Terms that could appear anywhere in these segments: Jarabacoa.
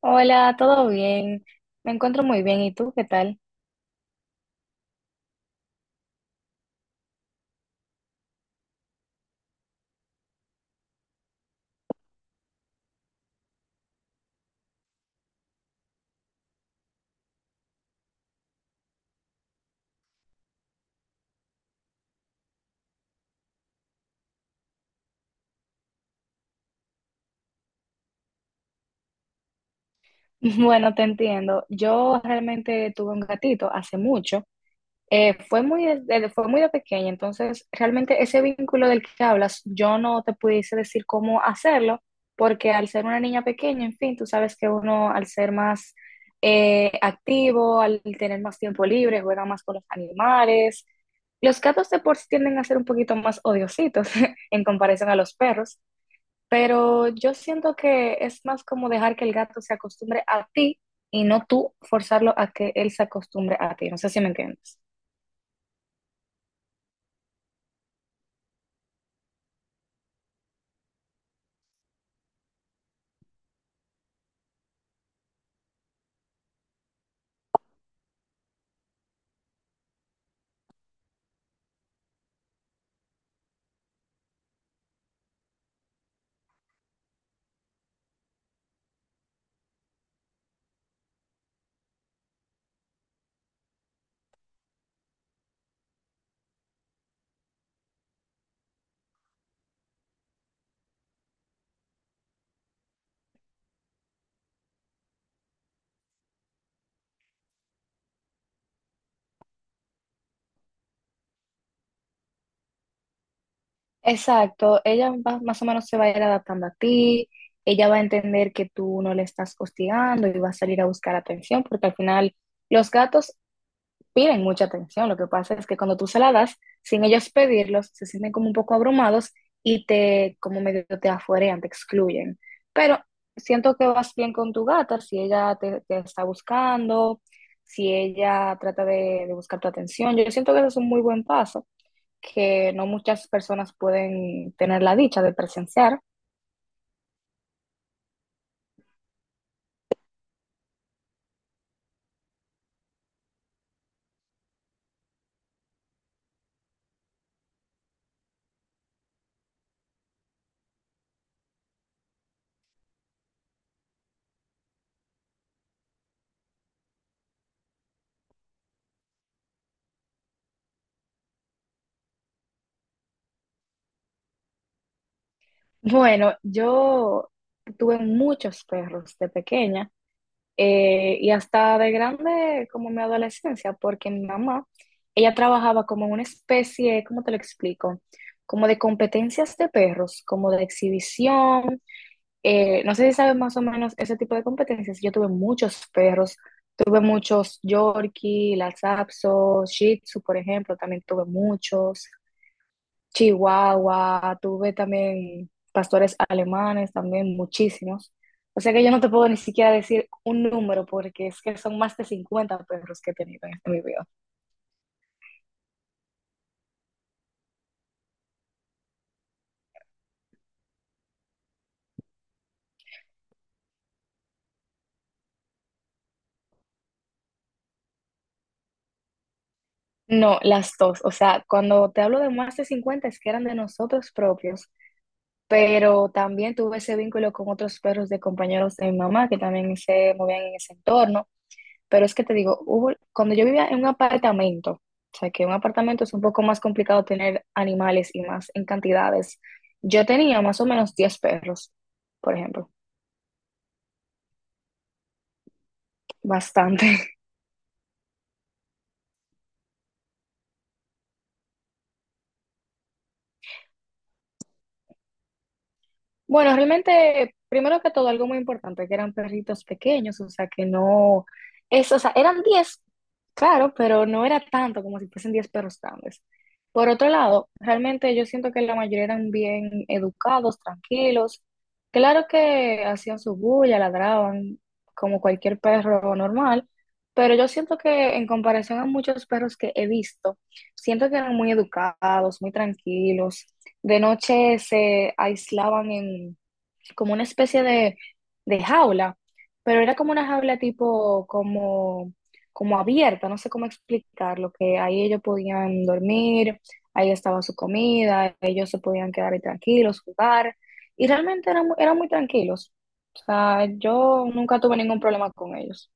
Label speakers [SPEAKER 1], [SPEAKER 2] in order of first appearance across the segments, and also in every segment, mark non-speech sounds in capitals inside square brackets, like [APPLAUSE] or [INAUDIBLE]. [SPEAKER 1] Hola, ¿todo bien? Me encuentro muy bien. ¿Y tú qué tal? [LAUGHS] Bueno, te entiendo. Yo realmente tuve un gatito hace mucho. Fue muy de pequeña, entonces realmente ese vínculo del que hablas, yo no te pudiese decir cómo hacerlo, porque al ser una niña pequeña, en fin, tú sabes que uno al ser más activo, al tener más tiempo libre, juega más con los animales. Los gatos de por sí tienden a ser un poquito más odiositos [LAUGHS] en comparación a los perros. Pero yo siento que es más como dejar que el gato se acostumbre a ti y no tú forzarlo a que él se acostumbre a ti. No sé si me entiendes. Exacto, ella más o menos se va a ir adaptando a ti, ella va a entender que tú no le estás hostigando y va a salir a buscar atención, porque al final los gatos piden mucha atención. Lo que pasa es que cuando tú se la das, sin ellos pedirlos, se sienten como un poco abrumados y te, como medio te afuerean, te excluyen. Pero siento que vas bien con tu gata, si ella te está buscando, si ella trata de buscar tu atención. Yo siento que eso es un muy buen paso, que no muchas personas pueden tener la dicha de presenciar. Bueno, yo tuve muchos perros de pequeña. Y hasta de grande, como en mi adolescencia, porque mi mamá, ella trabajaba como en una especie, ¿cómo te lo explico? Como de competencias de perros, como de exhibición. No sé si sabes más o menos ese tipo de competencias. Yo tuve muchos perros, tuve muchos Yorkie, Lhasa Apso, Shih Tzu, por ejemplo, también tuve muchos. Chihuahua, tuve también pastores alemanes, también muchísimos. O sea que yo no te puedo ni siquiera decir un número porque es que son más de 50 perros que he tenido en este mi vida. No, las dos. O sea, cuando te hablo de más de 50 es que eran de nosotros propios, pero también tuve ese vínculo con otros perros de compañeros de mi mamá que también se movían en ese entorno. Pero es que te digo, cuando yo vivía en un apartamento, o sea, que un apartamento es un poco más complicado tener animales y más en cantidades, yo tenía más o menos 10 perros, por ejemplo, bastante. Bueno, realmente, primero que todo, algo muy importante, que eran perritos pequeños, o sea, que no, es, o sea, eran 10, claro, pero no era tanto como si fuesen 10 perros grandes. Por otro lado, realmente yo siento que la mayoría eran bien educados, tranquilos, claro que hacían su bulla, ladraban como cualquier perro normal, pero yo siento que en comparación a muchos perros que he visto, siento que eran muy educados, muy tranquilos. De noche se aislaban en como una especie de jaula, pero era como una jaula tipo como, como abierta, no sé cómo explicarlo, que ahí ellos podían dormir, ahí estaba su comida, ellos se podían quedar ahí tranquilos, jugar, y realmente eran, eran muy tranquilos. O sea, yo nunca tuve ningún problema con ellos.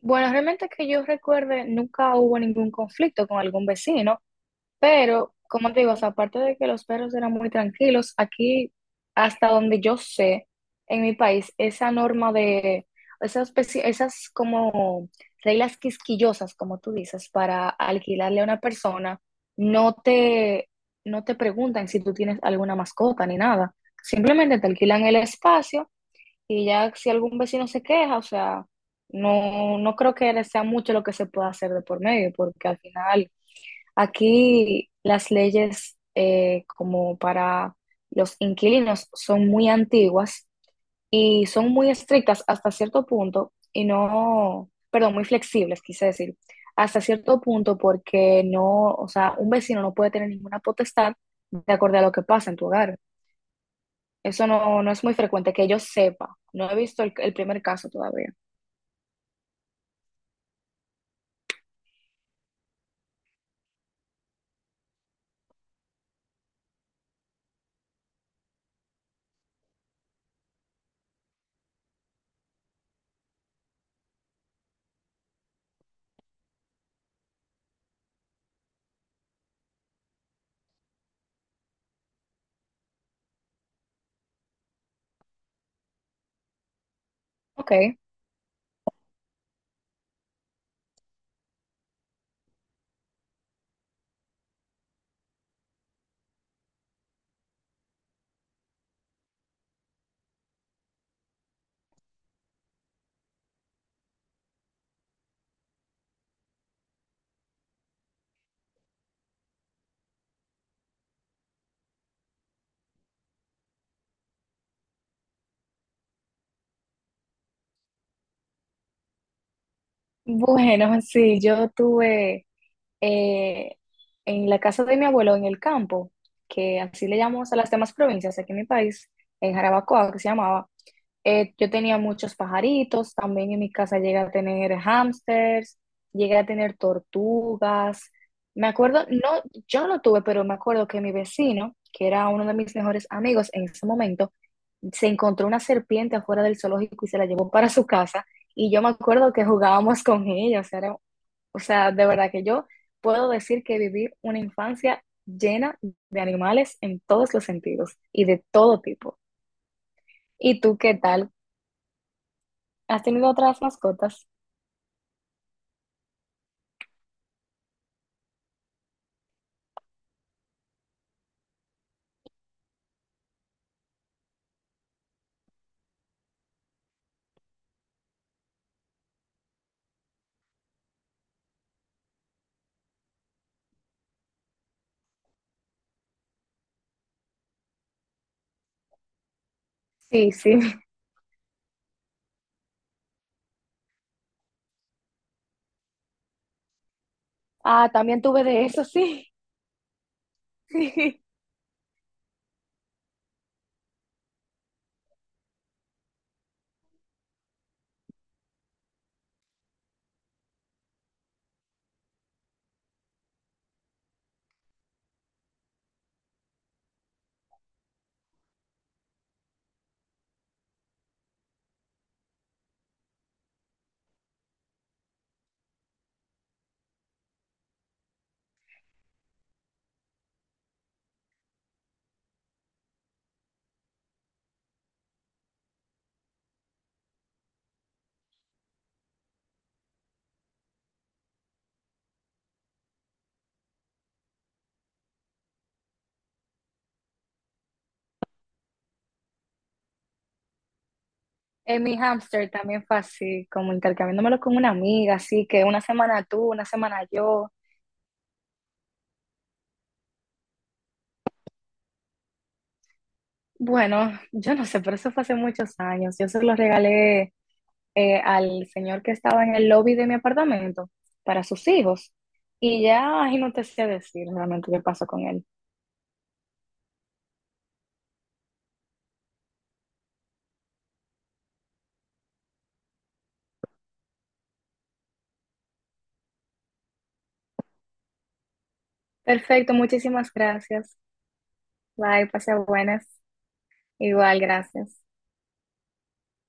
[SPEAKER 1] Bueno, realmente que yo recuerde, nunca hubo ningún conflicto con algún vecino. Pero, como te digo, o sea, aparte de que los perros eran muy tranquilos, aquí, hasta donde yo sé, en mi país, esa norma de esas como reglas quisquillosas, como tú dices, para alquilarle a una persona, no te, no te preguntan si tú tienes alguna mascota ni nada. Simplemente te alquilan el espacio y ya si algún vecino se queja, o sea, no, no creo que sea mucho lo que se pueda hacer de por medio, porque al final aquí las leyes como para los inquilinos son muy antiguas y son muy estrictas hasta cierto punto y no, perdón, muy flexibles, quise decir, hasta cierto punto porque no, o sea, un vecino no puede tener ninguna potestad de acuerdo a lo que pasa en tu hogar. Eso no, no es muy frecuente que yo sepa. No he visto el primer caso todavía. Ok. Bueno, [LAUGHS] sí, yo tuve eh, en la casa de mi abuelo, en el campo, que así le llamamos a las demás provincias aquí en mi país, en Jarabacoa, que se llamaba, yo tenía muchos pajaritos, también en mi casa llegué a tener hámsters, llegué a tener tortugas. Me acuerdo, no, yo no tuve, pero me acuerdo que mi vecino, que era uno de mis mejores amigos en ese momento, se encontró una serpiente afuera del zoológico y se la llevó para su casa. Y yo me acuerdo que jugábamos con ella, o sea, era- o sea, de verdad que yo puedo decir que viví una infancia llena de animales en todos los sentidos y de todo tipo. ¿Y tú qué tal? ¿Has tenido otras mascotas? Sí, sí. Ah, también tuve de eso, sí. [LAUGHS] Sí. Mi hámster también fue así, como intercambiándomelo con una amiga, así que una semana tú, una semana yo. Bueno, yo no sé, pero eso fue hace muchos años. Yo se lo regalé al señor que estaba en el lobby de mi apartamento para sus hijos. Y ya, ay, no te sé decir realmente qué pasó con él. Perfecto, muchísimas gracias. Bye, pase buenas. Igual, gracias.